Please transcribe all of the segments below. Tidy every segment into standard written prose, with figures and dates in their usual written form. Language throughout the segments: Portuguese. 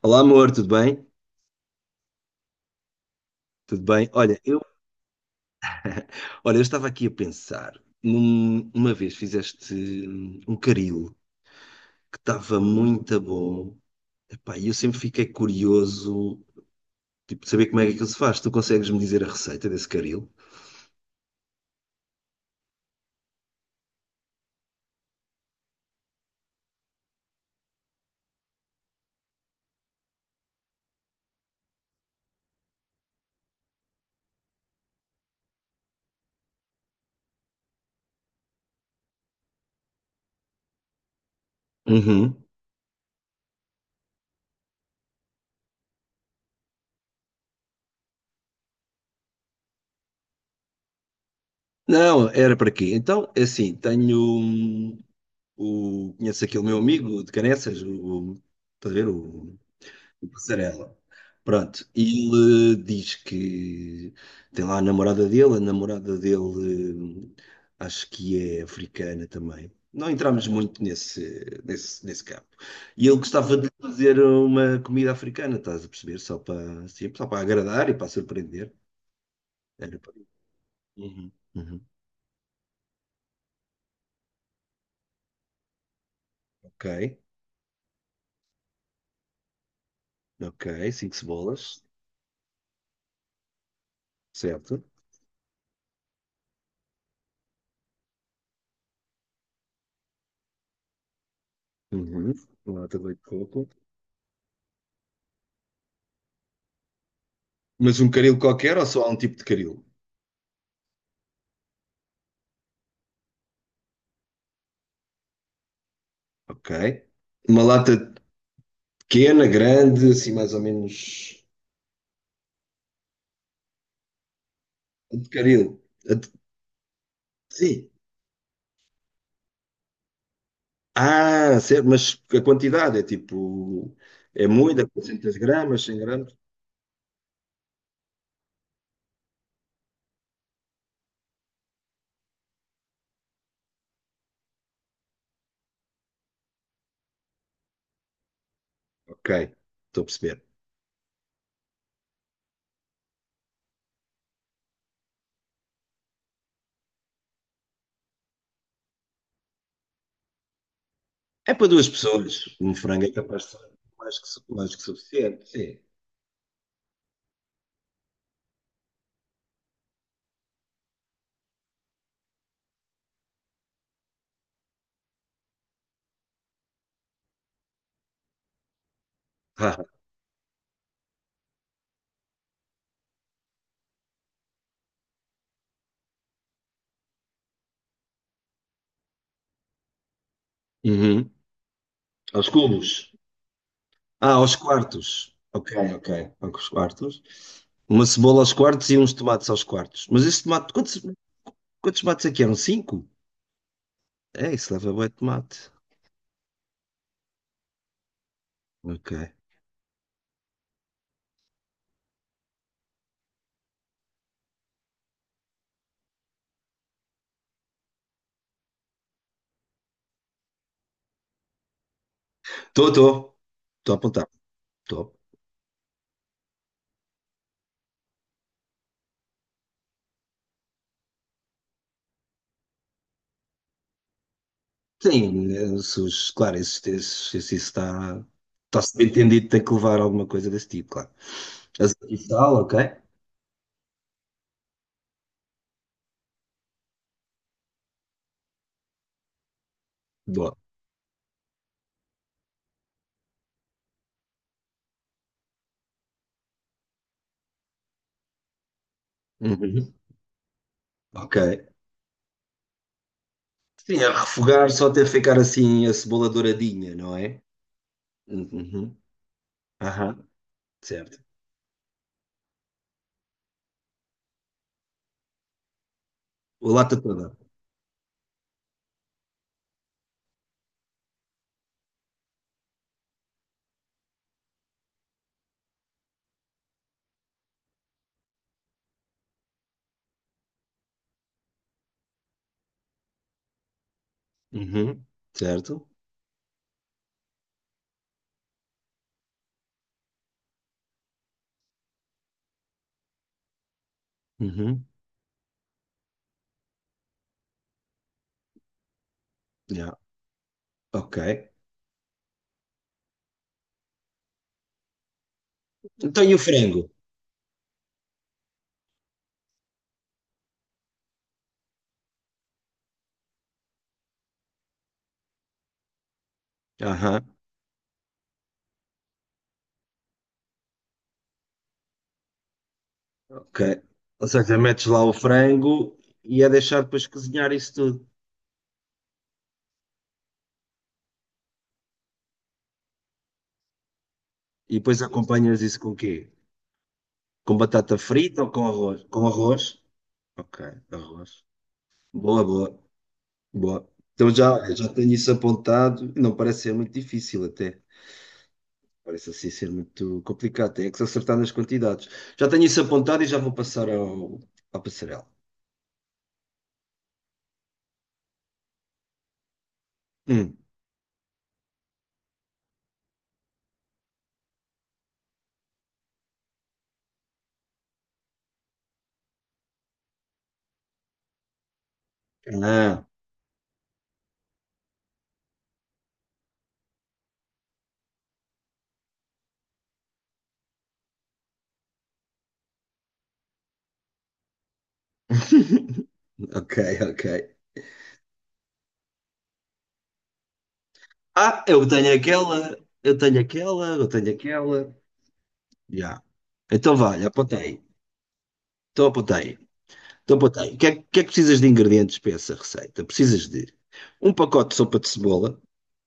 Olá, amor, tudo bem? Tudo bem? Olha, eu estava aqui a pensar. Uma vez fizeste um caril que estava muito bom. Epá, e eu sempre fiquei curioso, tipo, de saber como é que aquilo se faz. Tu consegues me dizer a receita desse caril? Uhum. Não, era para quê? Então, é assim, tenho o. Conheço aquele meu amigo de Caneças, o. Estás a ver? O Passarela. Pronto, ele diz que tem lá a namorada dele, acho que é africana também. Não entramos muito nesse campo. E ele gostava de fazer uma comida africana, estás a perceber? Só para agradar e para surpreender. Era para- Uhum, uhum. Ok, ok, cinco cebolas, certo. Uhum. Uma lata de leite de coco. Mas um caril qualquer ou só há um tipo de caril? Ok. Uma lata pequena, grande, assim mais ou menos. A de caril. A de- Sim. Ah, certo, mas a quantidade é tipo. É muita, 400 gramas, 100 gramas. Ok, estou a perceber. É para duas pessoas. Um frango é capaz de ser mais que suficiente. Sim. Ah, uhum. Aos cubos. Ah, aos quartos. Ok, ok, ok, aos quartos. Uma cebola aos quartos e uns tomates aos quartos. Mas esse tomate, quantos tomates é que eram? Cinco? É, isso leva bué de tomate. Ok. Estou, estou. Estou a apontar. Estou. Sim, se os- claro, se isso está subentendido, tem que levar alguma coisa desse tipo, claro. Azeite e sal, ok? Boa. Uhum. Ok. Sim, a refogar só até ficar assim a cebola douradinha, não é? Uhum. Aham, certo. O lata toda. Uhum. Certo. Uhum. Yeah. Ok. Então e o frango? Aham, ok. Ou seja, metes lá o frango e é deixar depois cozinhar isso tudo. E depois acompanhas isso com o quê? Com batata frita ou com arroz? Com arroz? Ok, arroz. Boa, boa, boa. Então já tenho isso apontado. Não parece ser muito difícil até. Parece assim ser muito complicado. Tem é que se acertar nas quantidades. Já tenho isso apontado e já vou passar à Passarela. Hum. Ah, ok, ok. Ah, eu tenho aquela, eu tenho aquela, eu tenho aquela. Já. Então vai, apontei. Então apontei. Então, boa tarde. O que é que precisas de ingredientes para essa receita? Precisas de um pacote de sopa de cebola,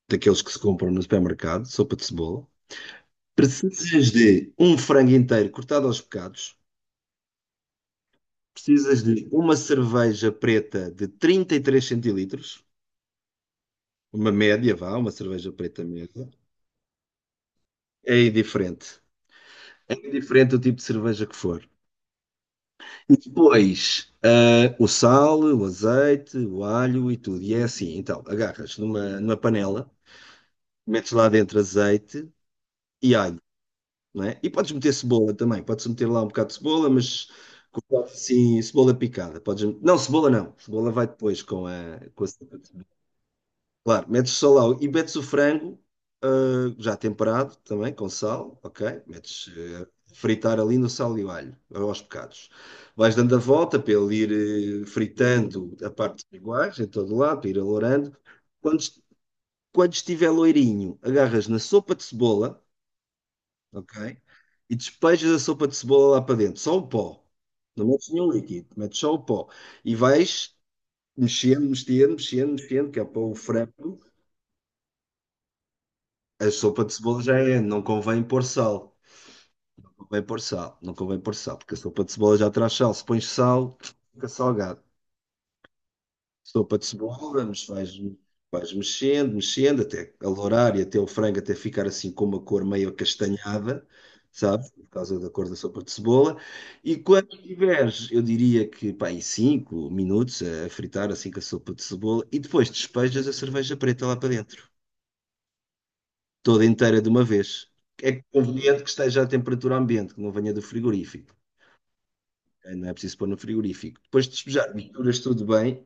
daqueles que se compram no supermercado, sopa de cebola. Precisas de um frango inteiro cortado aos bocados. Precisas de uma cerveja preta de 33 centilitros, uma média, vá, uma cerveja preta média. É indiferente. É indiferente o tipo de cerveja que for. E depois, o sal, o azeite, o alho e tudo. E é assim, então, agarras numa panela, metes lá dentro azeite e alho, não é? E podes meter cebola também, podes meter lá um bocado de cebola, mas cortado assim, cebola picada. Podes. Não, cebola não, cebola vai depois com a... Claro, metes só lá e metes o frango já temperado também, com sal, ok? Metes ah, fritar ali no sal e o alho, aos bocados. Vais dando a volta para ele ir fritando a parte dos iguais, em todo lado, para ir alourando. Quando, est- Quando estiver loirinho, agarras na sopa de cebola, ok? E despejas a sopa de cebola lá para dentro, só o pó. Não metes nenhum líquido, metes só o pó. E vais mexendo, mexendo, mexendo, mexendo, que é para o frango. A sopa de cebola já é, não convém pôr sal. Não convém pôr sal, não convém pôr sal, porque a sopa de cebola já traz sal. Se pões sal, fica salgado. Sopa de cebola, mas vais mexendo, mexendo, até alourar e até o frango até ficar assim com uma cor meio acastanhada, sabe? Por causa da cor da sopa de cebola. E quando tiveres, eu diria que, pá, em 5 minutos a fritar assim com a sopa de cebola e depois despejas a cerveja preta lá para dentro, toda inteira de uma vez. É conveniente que esteja à temperatura ambiente, que não venha do frigorífico. Não é preciso pôr no frigorífico. Depois de despejar, misturas tudo bem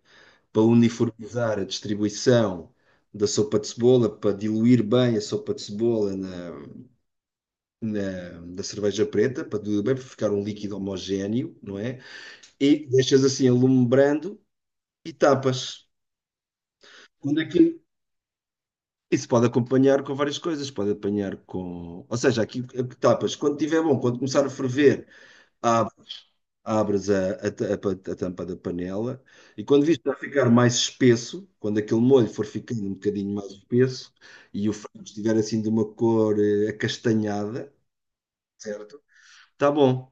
para uniformizar a distribuição da sopa de cebola, para diluir bem a sopa de cebola na cerveja preta, para diluir bem, para ficar um líquido homogéneo, não é? E deixas assim alumbrando e tapas. Quando é que isso pode acompanhar com várias coisas, pode apanhar com. Ou seja, aqui tapas, quando estiver bom, quando começar a ferver, há abres a ta- a pa- a tampa da panela e quando viste já ficar mais espesso, quando aquele molho for ficando um bocadinho mais espesso e o frango estiver assim de uma cor acastanhada, certo? Tá bom.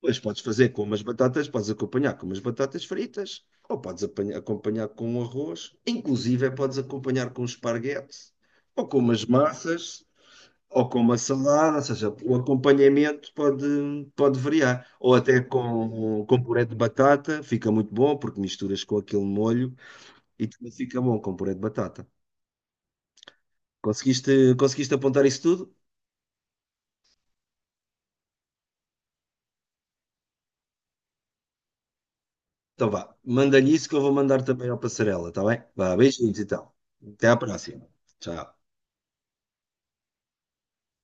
Pois podes fazer com umas batatas, podes acompanhar com umas batatas fritas ou podes acompanhar com um arroz, inclusive é podes acompanhar com um esparguete ou com umas massas ou com uma salada, ou seja, o acompanhamento pode variar. Ou até com puré de batata, fica muito bom, porque misturas com aquele molho e também fica bom com puré de batata. Conseguiste, conseguiste apontar isso tudo? Então vá, manda-lhe isso que eu vou mandar também ao Passarela, está bem? Vá, beijinhos então. Até à próxima. Tchau.